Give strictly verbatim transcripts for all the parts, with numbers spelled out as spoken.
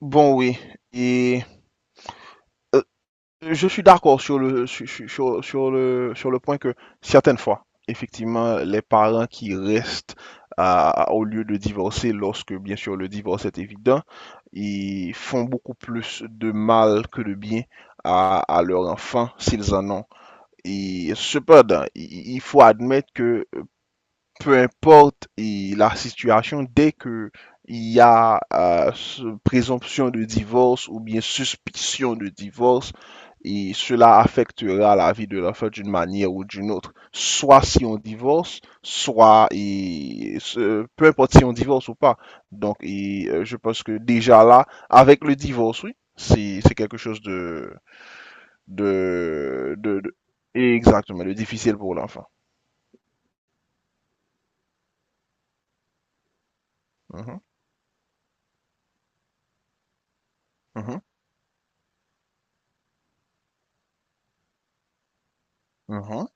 Bon, oui. Et euh, je suis d'accord sur le, sur, sur- sur le, sur le point que certaines fois, effectivement, les parents qui restent à- au lieu de divorcer, lorsque bien sûr le divorce est évident, ils font beaucoup plus de mal que de bien à, à leur enfant s'ils en ont. Et cependant, il il faut admettre que peu importe et la situation, dès que il y a euh, ce- présomption de divorce ou bien suspicion de divorce, et cela affectera la vie de l'enfant d'une manière ou d'une autre. Soit si on divorce, soit et ce- peu importe si on divorce ou pas. Donc, et, euh, je pense que déjà là, avec le divorce, oui, c'est c'est quelque chose de, de, de, de- exactement, de difficile pour l'enfant. Mhm, mhm, mhm.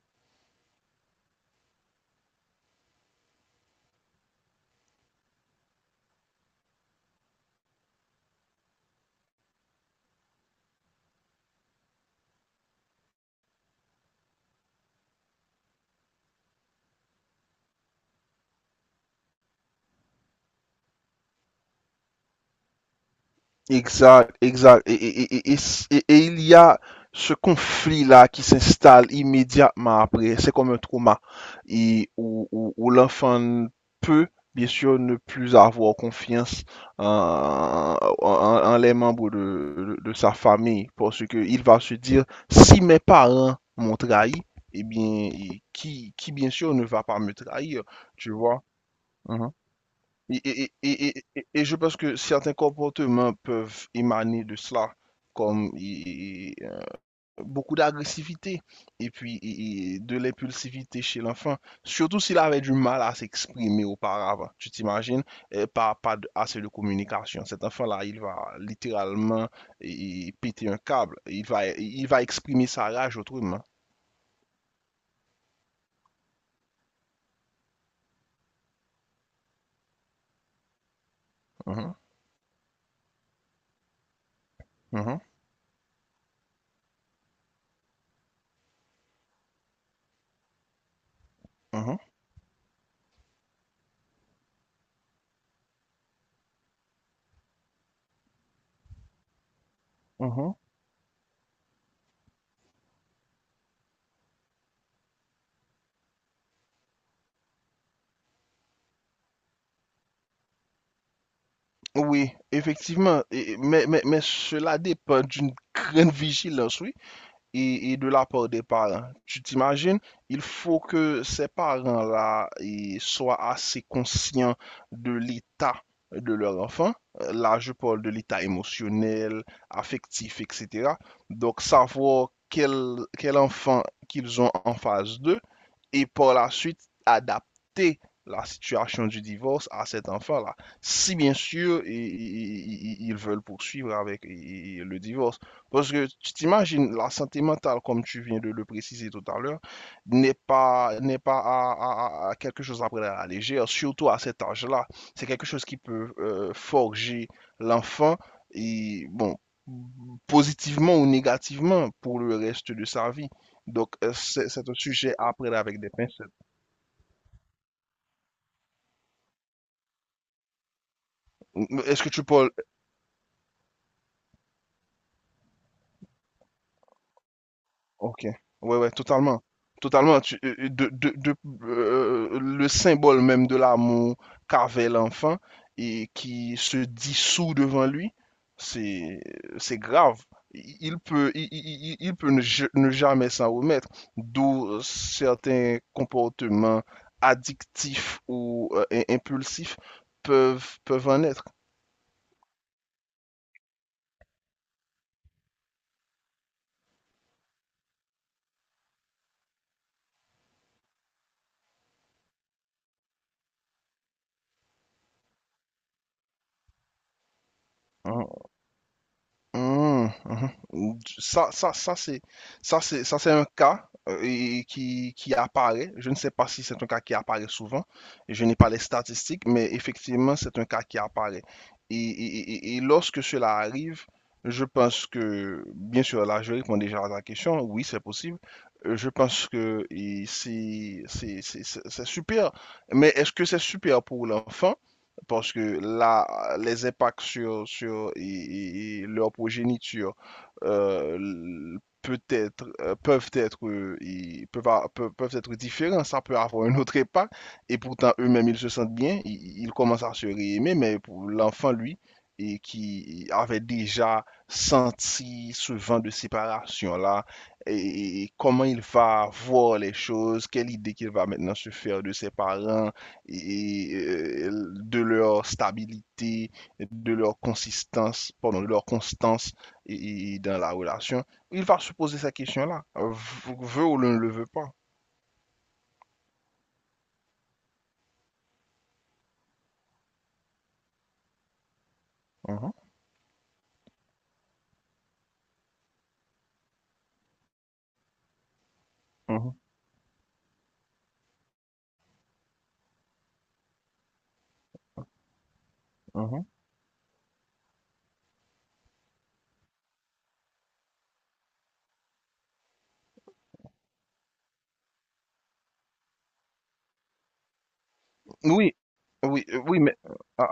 Exact, exact. Et, et- et- et- et s- et- et il y a ce conflit-là qui s'installe immédiatement après. C'est comme un trauma et, où, où- où l'enfant peut, bien sûr, ne plus avoir confiance en, en- en les membres de, de- de sa famille parce qu'il va se dire, si mes parents m'ont trahi, eh bien, qui, qui bien sûr ne va pas me trahir, tu vois? Mhm. Et, et- et- et- et- et je pense que certains comportements peuvent émaner de cela, comme i- i- beaucoup d'agressivité et puis i- i- de l'impulsivité chez l'enfant, surtout s'il avait du mal à s'exprimer auparavant. Tu t'imagines, euh, pas, pas de- assez de communication. Cet enfant-là, il va littéralement i- i- péter un câble. Il va, il va exprimer sa rage autrement. Mhm, mhm, mhm, mhm. Oui, effectivement, et- mais, mais, mais cela dépend d'une grande vigilance, oui et, et de la part des parents. Tu t'imagines, il faut que ces parents-là soient assez conscients de l'état de leur enfant. Euh, Là, je parle de l'état émotionnel, affectif, et cætera. Donc, savoir quel, quel enfant qu'ils ont en face d'eux et par la suite adapter la situation du divorce à cet enfant-là. Si bien sûr, i- i- ils veulent poursuivre avec le divorce. Parce que tu t'imagines, la santé mentale, comme tu viens de le préciser tout à l'heure, n'est pas, n'est pas à, à- à- à quelque chose à prendre à la légère, surtout à cet âge-là. C'est quelque chose qui peut euh, forger l'enfant, et bon, positivement ou négativement pour le reste de sa vie. Donc, euh, c'est c'est un sujet à prendre avec des pincettes. Est-ce que tu parles. Ok, ouais, ouais, totalement. Totalement. Tu- euh, euh, de, de, de- euh, le symbole même de l'amour qu'avait l'enfant et qui se dissout devant lui, c'est, c'est grave. Il il peut, il, il- il- il peut ne, ja- ne jamais s'en remettre, d'où euh, certains comportements addictifs ou euh, im- impulsifs peuvent, peuvent en être. Hein. Mhm, mhm. Ou- du- Ça, ça, ça c'est, ça c'est, ça c'est un cas euh, et qui, qui apparaît. Je ne sais pas si c'est un cas qui apparaît souvent. Je n'ai pas les statistiques, mais effectivement, c'est un cas qui apparaît. Et, et- et- et lorsque cela arrive, je pense que, bien sûr, là, je réponds déjà à ta question. Oui, c'est possible. Euh, Je pense que et c'est, c'est, c'est, c'est c'est super. Mais est-ce que c'est super pour l'enfant? Parce que là, les impacts sur, sur et- et- et leur progéniture euh, l- peut-être euh, peuvent être euh, et peuvent, a- peuvent, peuvent être différents, ça peut avoir un autre impact, et pourtant eux-mêmes ils se sentent bien, ils, ils commencent à se réaimer, mais pour l'enfant lui, et qui avait déjà senti ce vent de séparation-là, et, et- comment il va voir les choses, quelle idée qu'il va maintenant se faire de ses parents, et, euh, de leur stabilité, de leur consistance, pardon, de leur constance et, et dans la relation, il va se poser cette question-là, euh, veut ou ne le veut pas. Mhm, mhm, mhm. Oui, oui, euh, oui, mais euh, à,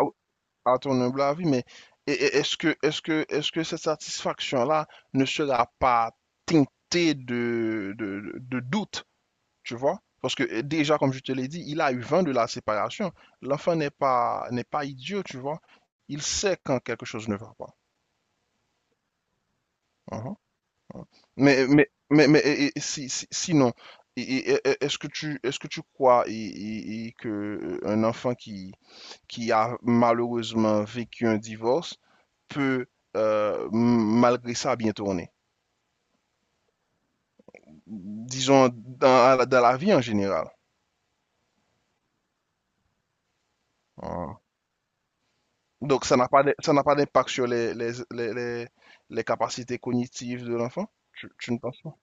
à ton humble avis, mais e- e- est-ce que, est-ce que, est-ce que cette satisfaction-là ne sera pas teintée de, de, de doute? Tu vois? Parce que euh, déjà, comme je te l'ai dit, il a eu vent de la séparation. L'enfant n'est pas, n'est pas idiot, tu vois. Il sait quand quelque chose ne va pas. Mhm. Mais, mais, mais, mais et- et si, si- sinon, et- et- et- est-ce que tu, est-ce que tu crois et- et- et que euh, un enfant qui, qui a malheureusement vécu un divorce peut, euh, m- malgré ça, bien tourner? Disons, dans, dans la vie en général. Uh-huh. Donc, ça n'a pas d'im- ça n'a pas d'impact sur les, les, les, les, les capacités cognitives de l'enfant? Tu, tu ne penses pas?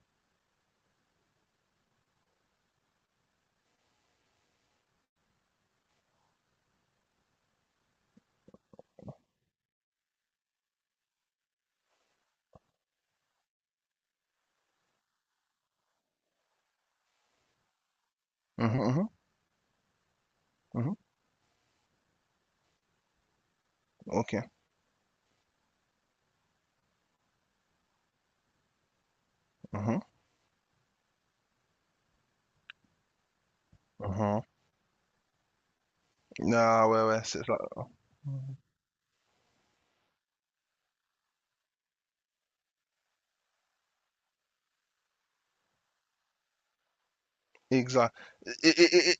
Mhm, mhm, mhm. Ok. Mhm, mhm. Ah ouais, ouais, c'est ça. Exact. Et, Et, et,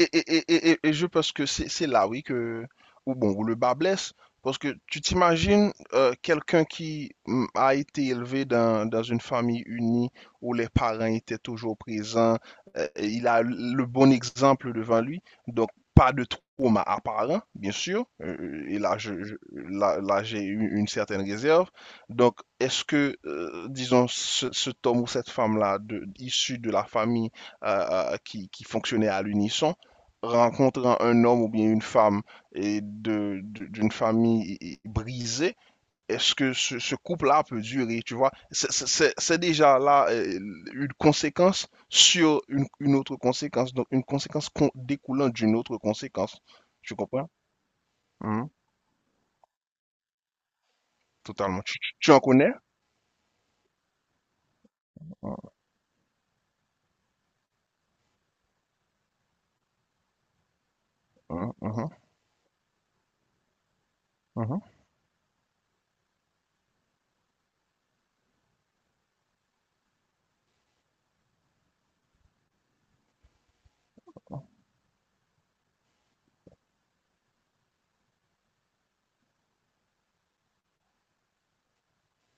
et, et, et- et je pense que c'est c'est là, oui, que, où, bon, où le bas blesse. Parce que tu t'imagines euh, quelqu'un qui mm, a été élevé dans, dans une famille unie où les parents étaient toujours présents, euh, et il a le bon exemple devant lui, donc pas de trauma apparent, bien sûr. Euh, et là, je, je- là, là, j'ai eu une certaine réserve. Donc, est-ce que, euh, disons, ce, cet homme ou cette femme-là, de- issue de la famille, euh, euh, qui, qui fonctionnaient à l'unisson, rencontrant un homme ou bien une femme et de, de- d'une famille brisée, est-ce que ce, ce couple-là peut durer, tu vois? C'est c'est- c'est- déjà là euh, une conséquence sur une, une autre conséquence, donc une conséquence con- découlant d'une autre conséquence. Tu comprends? Mhm. Totalement. Tu, tu- tu en connais? Mhm, mhm, mhm.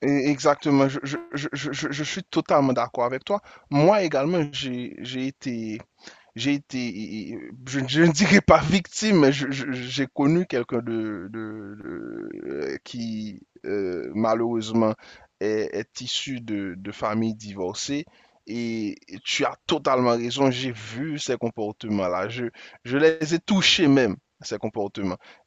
Et exactement, je, je, je, je, je- je suis totalement d'accord avec toi. Moi également, j'ai, j'ai été, j'ai été, je, je ne dirais pas victime, mais je- je- j'ai connu quelqu'un de, de- de- euh, qui, euh, malheureusement, est, est issu de, de familles divorcées. Et tu as totalement raison, j'ai vu ces comportements-là. Je, je les ai touchés même, ces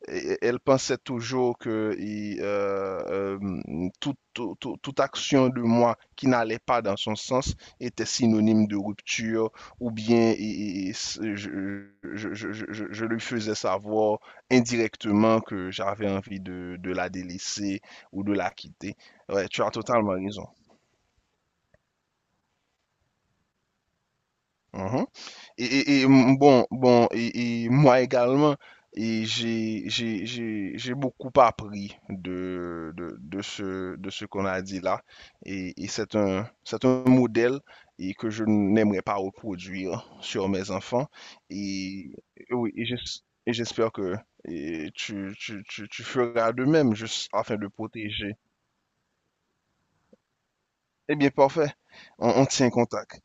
et- elle pensait toujours que et, euh, euh, toute, toute- toute- toute action de moi qui n'allait pas dans son sens était synonyme de rupture, ou bien et- et- et je, je- je- je- je- je lui faisais savoir indirectement que j'avais envie de, de la délaisser ou de la quitter. Ouais, tu as totalement raison. Mhm. Et, et- et, mm, bon, bon, et, et moi également, et j'ai j'ai- j'ai- j'ai beaucoup appris de, de, de ce, de ce qu'on a dit là. Et, et c'est un, c'est un modèle et que je n'aimerais pas reproduire sur mes enfants. Et, et oui, et j'es- et j'espère que et tu, tu, tu, tu feras de même, juste afin de protéger. Eh bien, parfait. On, on tient contact.